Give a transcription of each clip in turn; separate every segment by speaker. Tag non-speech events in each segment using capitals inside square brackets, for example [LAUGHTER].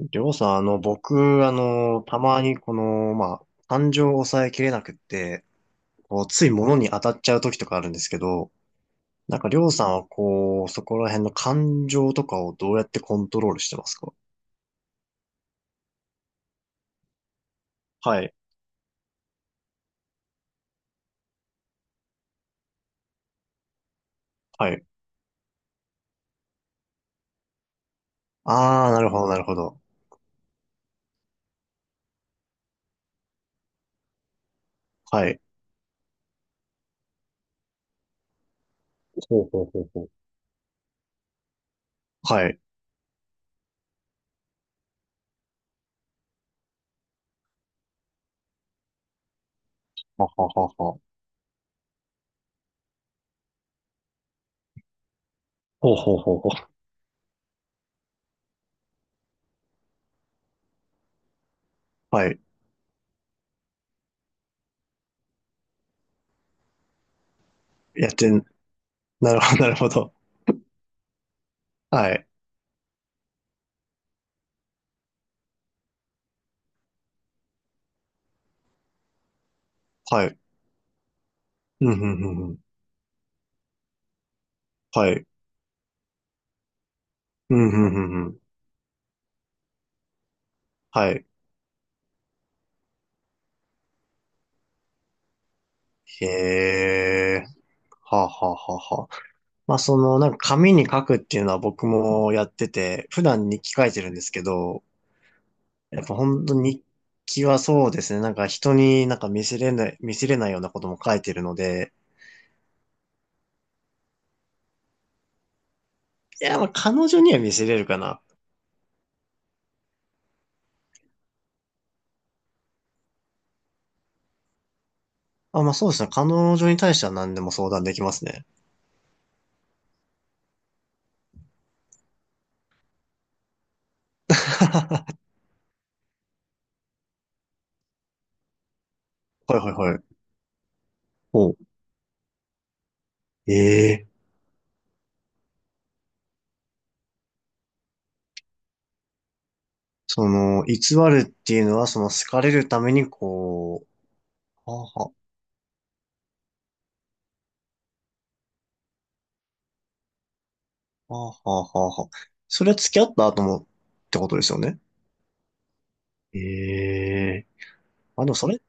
Speaker 1: りょうさん、僕、たまに感情を抑えきれなくって、こう、つい物に当たっちゃう時とかあるんですけど、なんかりょうさんはこう、そこら辺の感情とかをどうやってコントロールしてますか？はい。はい。あー、なるほど、なるほど。はい。ほうほうほうほう。はい。ははははは。ほうほうほうほう。はい。やってん、なるほど、[LAUGHS] なるほど。はい。はい。うん、うん、うん、うん。はい。うん、うん、うん、うん。はい。へー。はあはあはあはあ。まあその、なんか紙に書くっていうのは僕もやってて、普段日記書いてるんですけど、やっぱ本当に日記はそうですね、なんか人になんか見せれない、見せれないようなことも書いてるので、いや、まあ彼女には見せれるかな。あ、まあそうですね、彼女に対しては何でも相談できますね。[LAUGHS] はいはいはい。おう。ええ、その、偽るっていうのはその好かれるためにこう、はあはあ、はあはあはあはあ。それは付き合った後もってことですよね。ええ、あ、でもそれ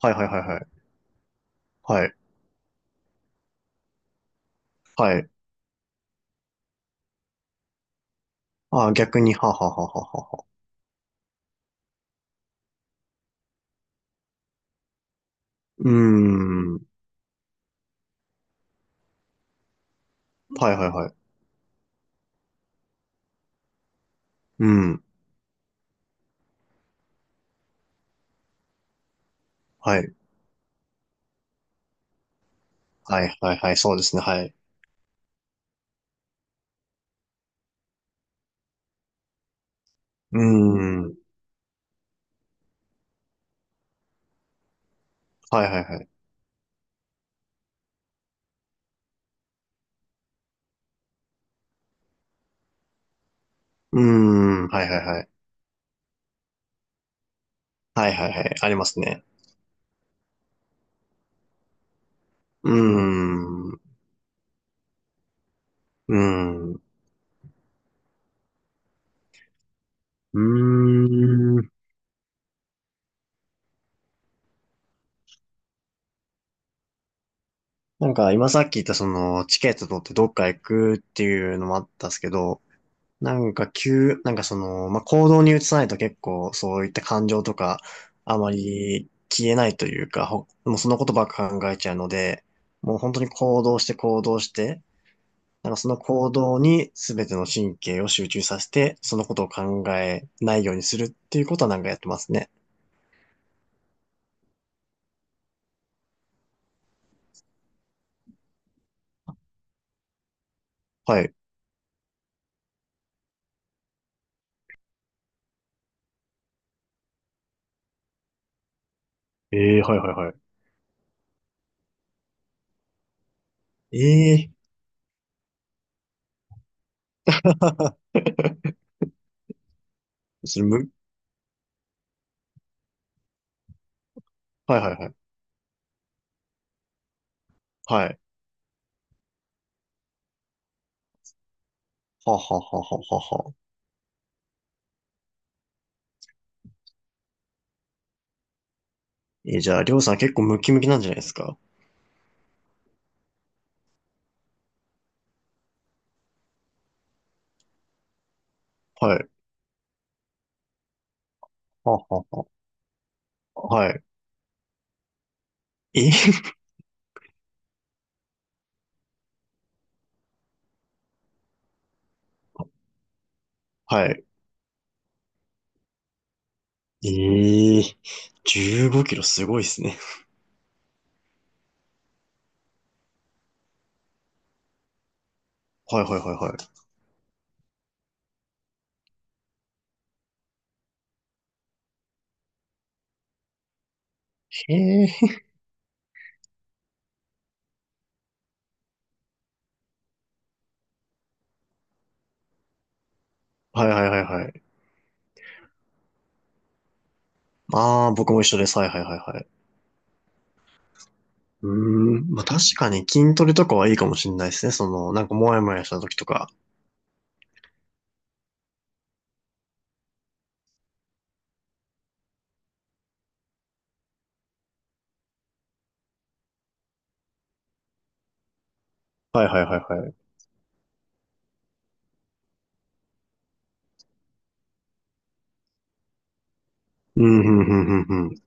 Speaker 1: はいはいはいはい。はい。はい。あ、逆に、はははははは。うーん。はいはいはい。うん。はい。はいはいはい。そうですね。はい。うーん。はいはいはい。うーん。はいはいはい。はいはいはい。ありますね。うーん。うーん。うーん。なんか今さっき言ったそのチケット取ってどっか行くっていうのもあったんですけど、なんか急、まあ、行動に移さないと結構そういった感情とか、あまり消えないというか、ほもうそのことばっか考えちゃうので、もう本当に行動して行動して、なんかその行動に全ての神経を集中させて、そのことを考えないようにするっていうことはなんかやってますね。はい。ええはいはいはい。ええ [LAUGHS] それむ、はいはいはい。はい。はははははは。えー、じゃあ、りょうさん結構ムキムキなんじゃないですか？はい。ははははい。え [LAUGHS] はい。ええ、15キロすごいですね。はいはいはいはい。へえ。はいはいはいはい。ああ、僕も一緒です。はいはいはいはい。うーん。まあ確かに筋トレとかはいいかもしれないですね。その、なんかもやもやした時とか。はいはいはいはい。うん、うん、うん、うん、うん。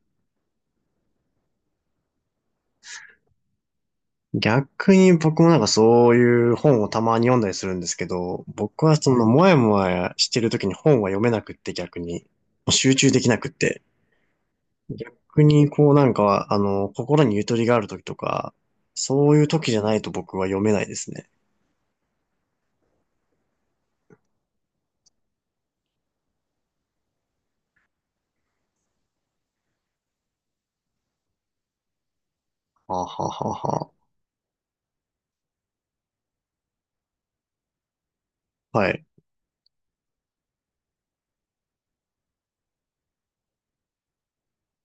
Speaker 1: 逆に僕もなんかそういう本をたまに読んだりするんですけど、僕はそのもやもやしてる時に本は読めなくって逆に、もう集中できなくって。逆にこうなんか、心にゆとりがある時とか、そういう時じゃないと僕は読めないですね。はあはあはあはあ。はい。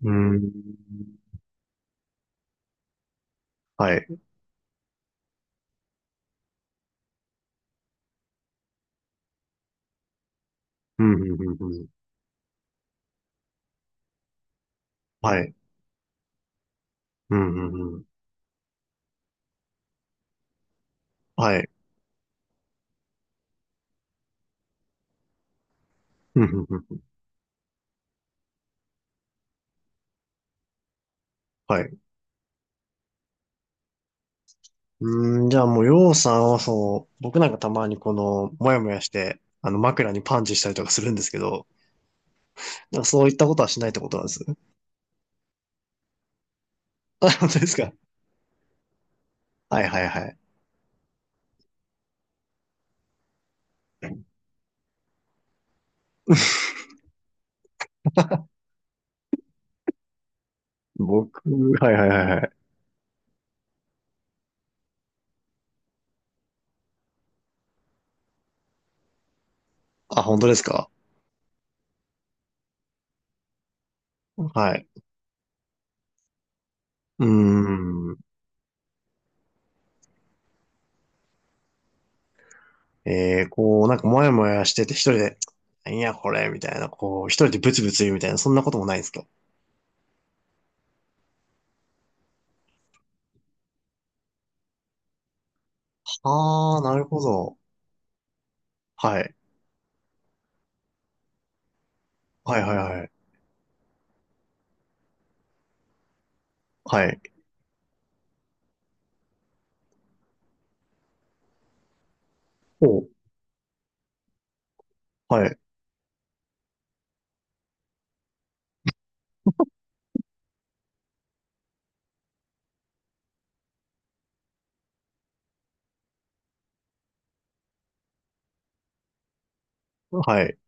Speaker 1: うーん。はい。うん、うん、うん、うん。はい。うん、うん、うん。はい。うん、うん、うん。はい。うーん、じゃあもう、ようさんはそう、僕なんかたまにもやもやして、枕にパンチしたりとかするんですけど、なんかそういったことはしないってことなんです。あ、本当ですか？はい、はい、はい。[LAUGHS] 僕、はい、はい、はい、はい。あ、本当ですか？はい。うーん。えー、こう、なんかもやもやしてて一人で、何やこれみたいな、こう、一人でブツブツ言うみたいな、そんなこともないんですか？ああー、なるほど。はい。はいはいはい。はい。おう。はい。はい。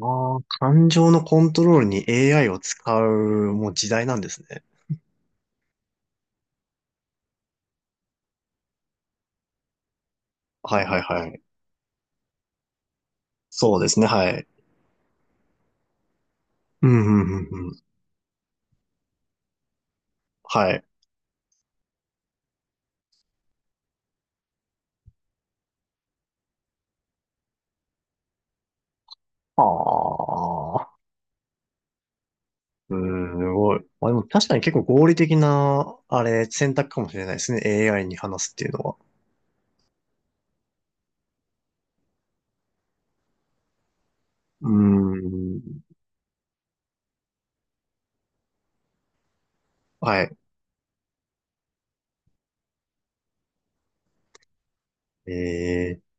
Speaker 1: ああ、感情のコントロールに AI を使う、もう時代なんですね。はいはいはい。そうですね、はい。うん、うん、うん、うん。はい。ああ、うーん、すごい。まあでも確かに結構合理的な、あれ、選択かもしれないですね。AI に話すっていうのは。うーん。はい。ええ